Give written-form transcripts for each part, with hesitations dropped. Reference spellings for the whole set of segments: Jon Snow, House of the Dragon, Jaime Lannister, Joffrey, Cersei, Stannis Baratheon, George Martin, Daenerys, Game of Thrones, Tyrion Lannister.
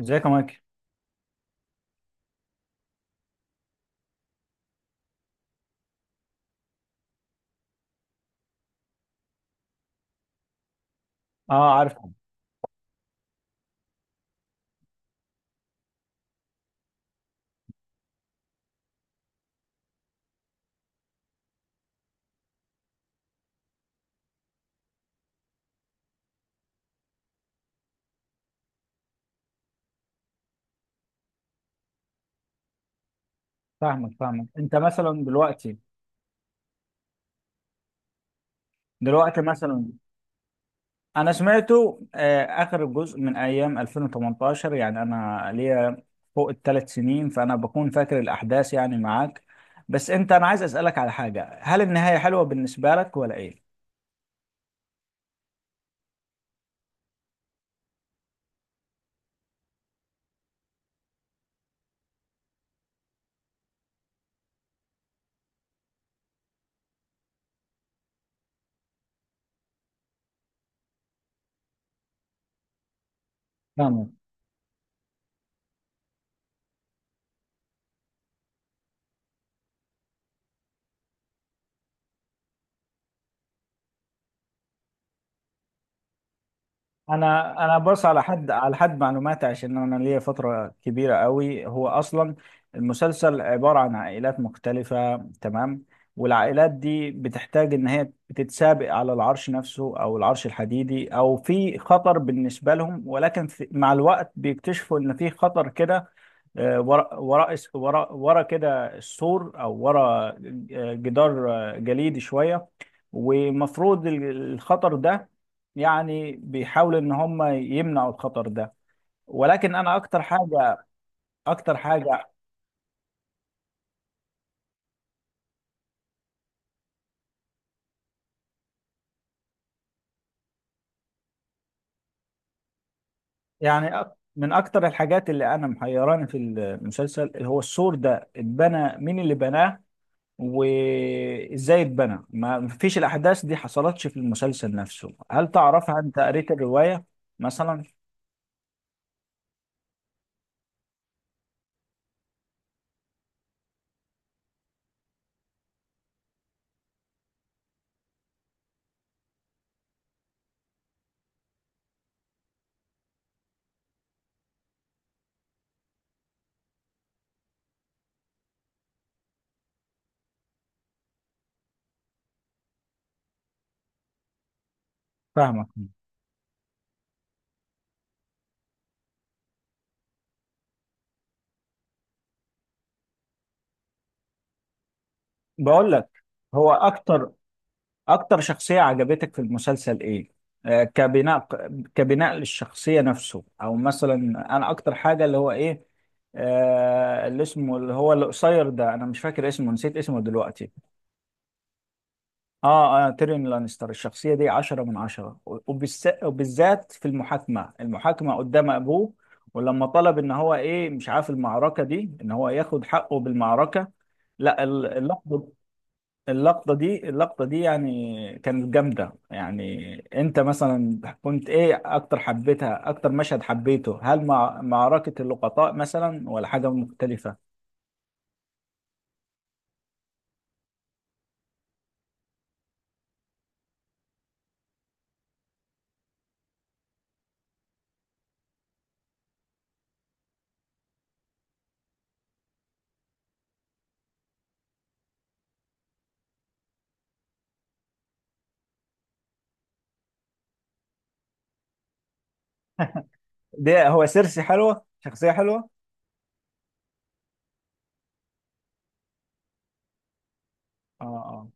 ازيك يا مايكل. اه، عارف. فاهمك فاهمك، انت مثلا دلوقتي دلوقتي مثلا انا سمعته اخر جزء من ايام 2018، يعني انا ليا فوق الثلاث سنين فانا بكون فاكر الاحداث، يعني معاك. بس انت، انا عايز اسالك على حاجه، هل النهايه حلوه بالنسبه لك ولا ايه؟ فاهمك. انا انا بص، على حد على حد معلوماتي، عشان انا ليا فتره كبيره قوي. هو اصلا المسلسل عباره عن عائلات مختلفه، تمام، والعائلات دي بتحتاج ان هي بتتسابق على العرش نفسه او العرش الحديدي، او في خطر بالنسبه لهم، ولكن في مع الوقت بيكتشفوا ان في خطر كده ورا ورا ورا ورا كده السور، او ورا جدار جليدي شويه. ومفروض الخطر ده يعني بيحاولوا ان هم يمنعوا الخطر ده. ولكن انا اكتر حاجه، اكتر حاجه، يعني من اكتر الحاجات اللي انا محيراني في المسلسل اللي هو السور ده، اتبنى مين اللي بناه وازاي اتبنى؟ ما فيش الاحداث دي حصلتش في المسلسل نفسه. هل تعرفها؟ انت قريت الروايه مثلا؟ فاهمك. بقول لك، هو اكتر اكتر شخصية عجبتك في المسلسل ايه؟ كبناء، كبناء للشخصية نفسه، او مثلا انا اكتر حاجة اللي هو ايه، آه اللي اسمه اللي هو القصير ده، انا مش فاكر اسمه، نسيت اسمه دلوقتي. اه اه، تيريون لانستر، الشخصية دي عشرة من عشرة، وبالذات في المحاكمة، المحاكمة قدام ابوه، ولما طلب ان هو ايه، مش عارف، المعركة دي، ان هو ياخد حقه بالمعركة. لا ال- اللحظة، اللقطة دي، اللقطة دي يعني كانت جامدة. يعني انت مثلا كنت ايه اكتر، حبيتها اكتر مشهد، حبيته هل مع معركة اللقطاء مثلا، ولا حاجة مختلفة؟ ده هو سيرسي حلوة، شخصية حلوة. اه اه.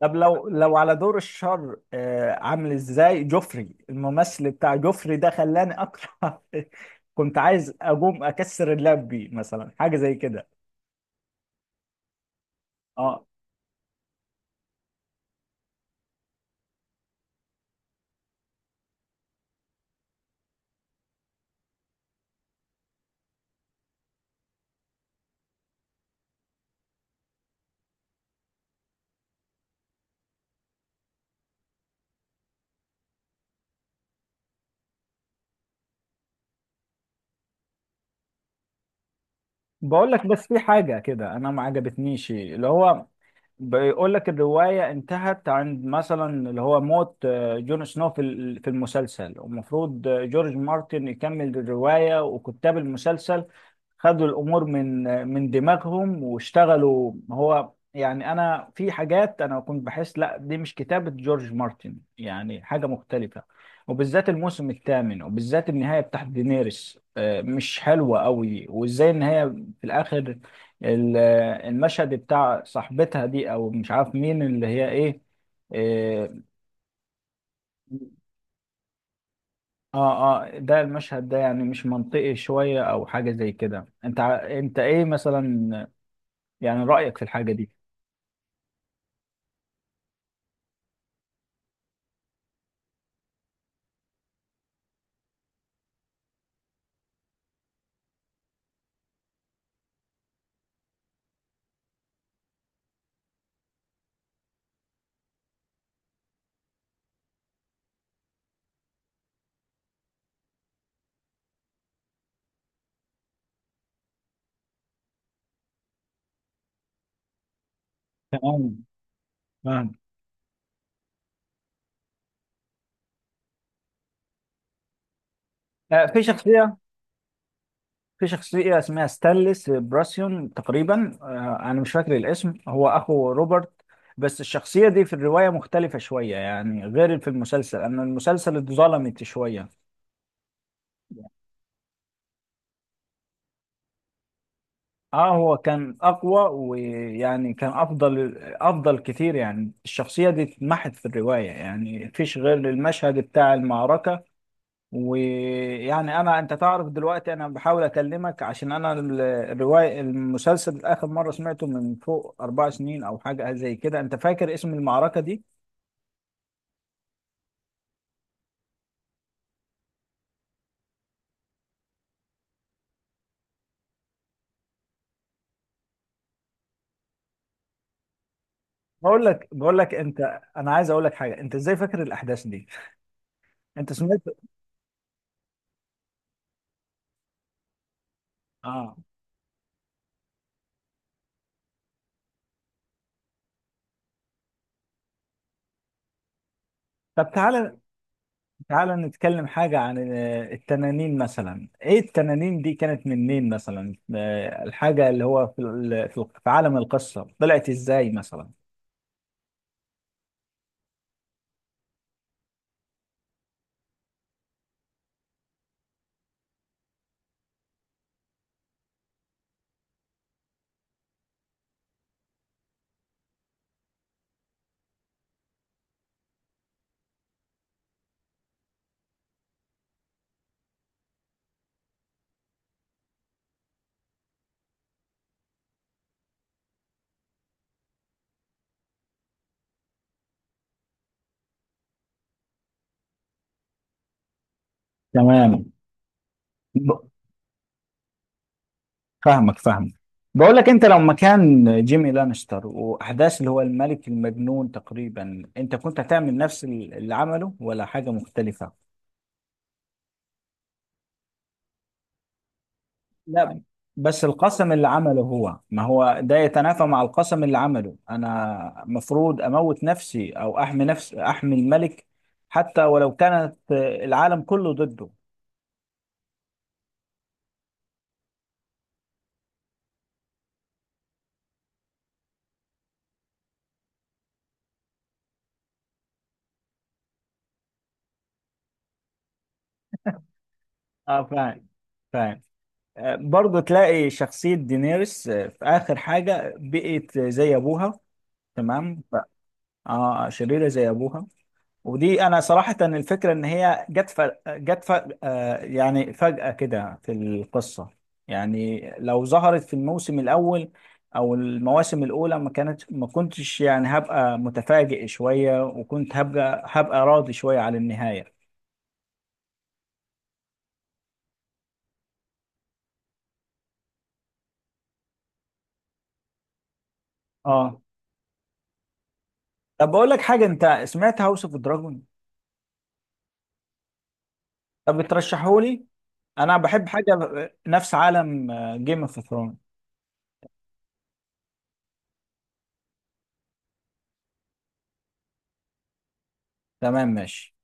طب لو لو على دور الشر، آه، عامل ازاي جوفري، الممثل بتاع جوفري ده خلاني اكره كنت عايز اقوم اكسر اللاب بيه مثلا، حاجة زي كده. اه. بقول لك، بس في حاجة كده أنا ما عجبتنيش، اللي هو بيقول لك الرواية انتهت عند مثلا اللي هو موت جون سنو، في المسلسل، ومفروض جورج مارتن يكمل الرواية، وكتاب المسلسل خدوا الأمور من من دماغهم واشتغلوا هو. يعني أنا في حاجات أنا كنت بحس لا دي مش كتابة جورج مارتن، يعني حاجة مختلفة، وبالذات الموسم الثامن، وبالذات النهاية بتاعت دينيريس مش حلوة قوي، وإزاي إن هي في الآخر، ال- المشهد بتاع صاحبتها دي، او مش عارف مين اللي هي ايه، إيه، اه اه، ده المشهد ده يعني مش منطقي شوية، او حاجة زي كده. انت انت ايه مثلا يعني رأيك في الحاجة دي؟ تمام، فاهم. آه، في شخصية، في شخصية اسمها ستانلس براسيون تقريبا، آه، انا مش فاكر الاسم، هو اخو روبرت، بس الشخصية دي في الرواية مختلفة شوية يعني غير في المسلسل، أن المسلسل اتظلمت شوية. اه، هو كان اقوى، ويعني كان افضل، افضل كتير، يعني الشخصيه دي اتمحت في الروايه، يعني مفيش غير المشهد بتاع المعركه. ويعني انا، انت تعرف دلوقتي انا بحاول اكلمك عشان انا الروايه، المسلسل اخر مره سمعته من فوق اربع سنين او حاجه زي كده. انت فاكر اسم المعركه دي؟ بقول لك، بقول لك انت، انا عايز اقول لك حاجه، انت ازاي فاكر الاحداث دي؟ انت سمعت؟ اه. طب تعالى، تعال نتكلم حاجة عن التنانين مثلا. ايه التنانين دي كانت منين مثلا، الحاجة اللي هو في في عالم القصة طلعت ازاي مثلا؟ تمام. ب- فاهمك فاهمك. بقول لك، انت لو مكان جيمي لانستر، واحداث اللي هو الملك المجنون تقريبا، انت كنت هتعمل نفس اللي عمله، ولا حاجة مختلفة؟ لا، بس القسم اللي عمله هو، ما هو ده يتنافى مع القسم اللي عمله، انا مفروض اموت نفسي، او احمي نفسي، احمي الملك، حتى ولو كانت العالم كله ضده. اه فاهم، فاهم. آه، برضه تلاقي شخصية دينيرس في آخر حاجة بقت زي أبوها، تمام، اه شريرة زي أبوها. ودي انا صراحة الفكرة ان هي جت ف... آه يعني فجأة كده في القصة، يعني لو ظهرت في الموسم الاول او المواسم الاولى ما كانت، ما كنتش يعني هبقى متفاجئ شوية، وكنت هبقى، هبقى راضي شوية على النهاية. اه، طب بقول لك حاجة، انت سمعت هاوس اوف دراجون؟ طب بترشحه لي؟ انا بحب حاجة نفس عالم جيم اوف ثرونز. تمام ماشي.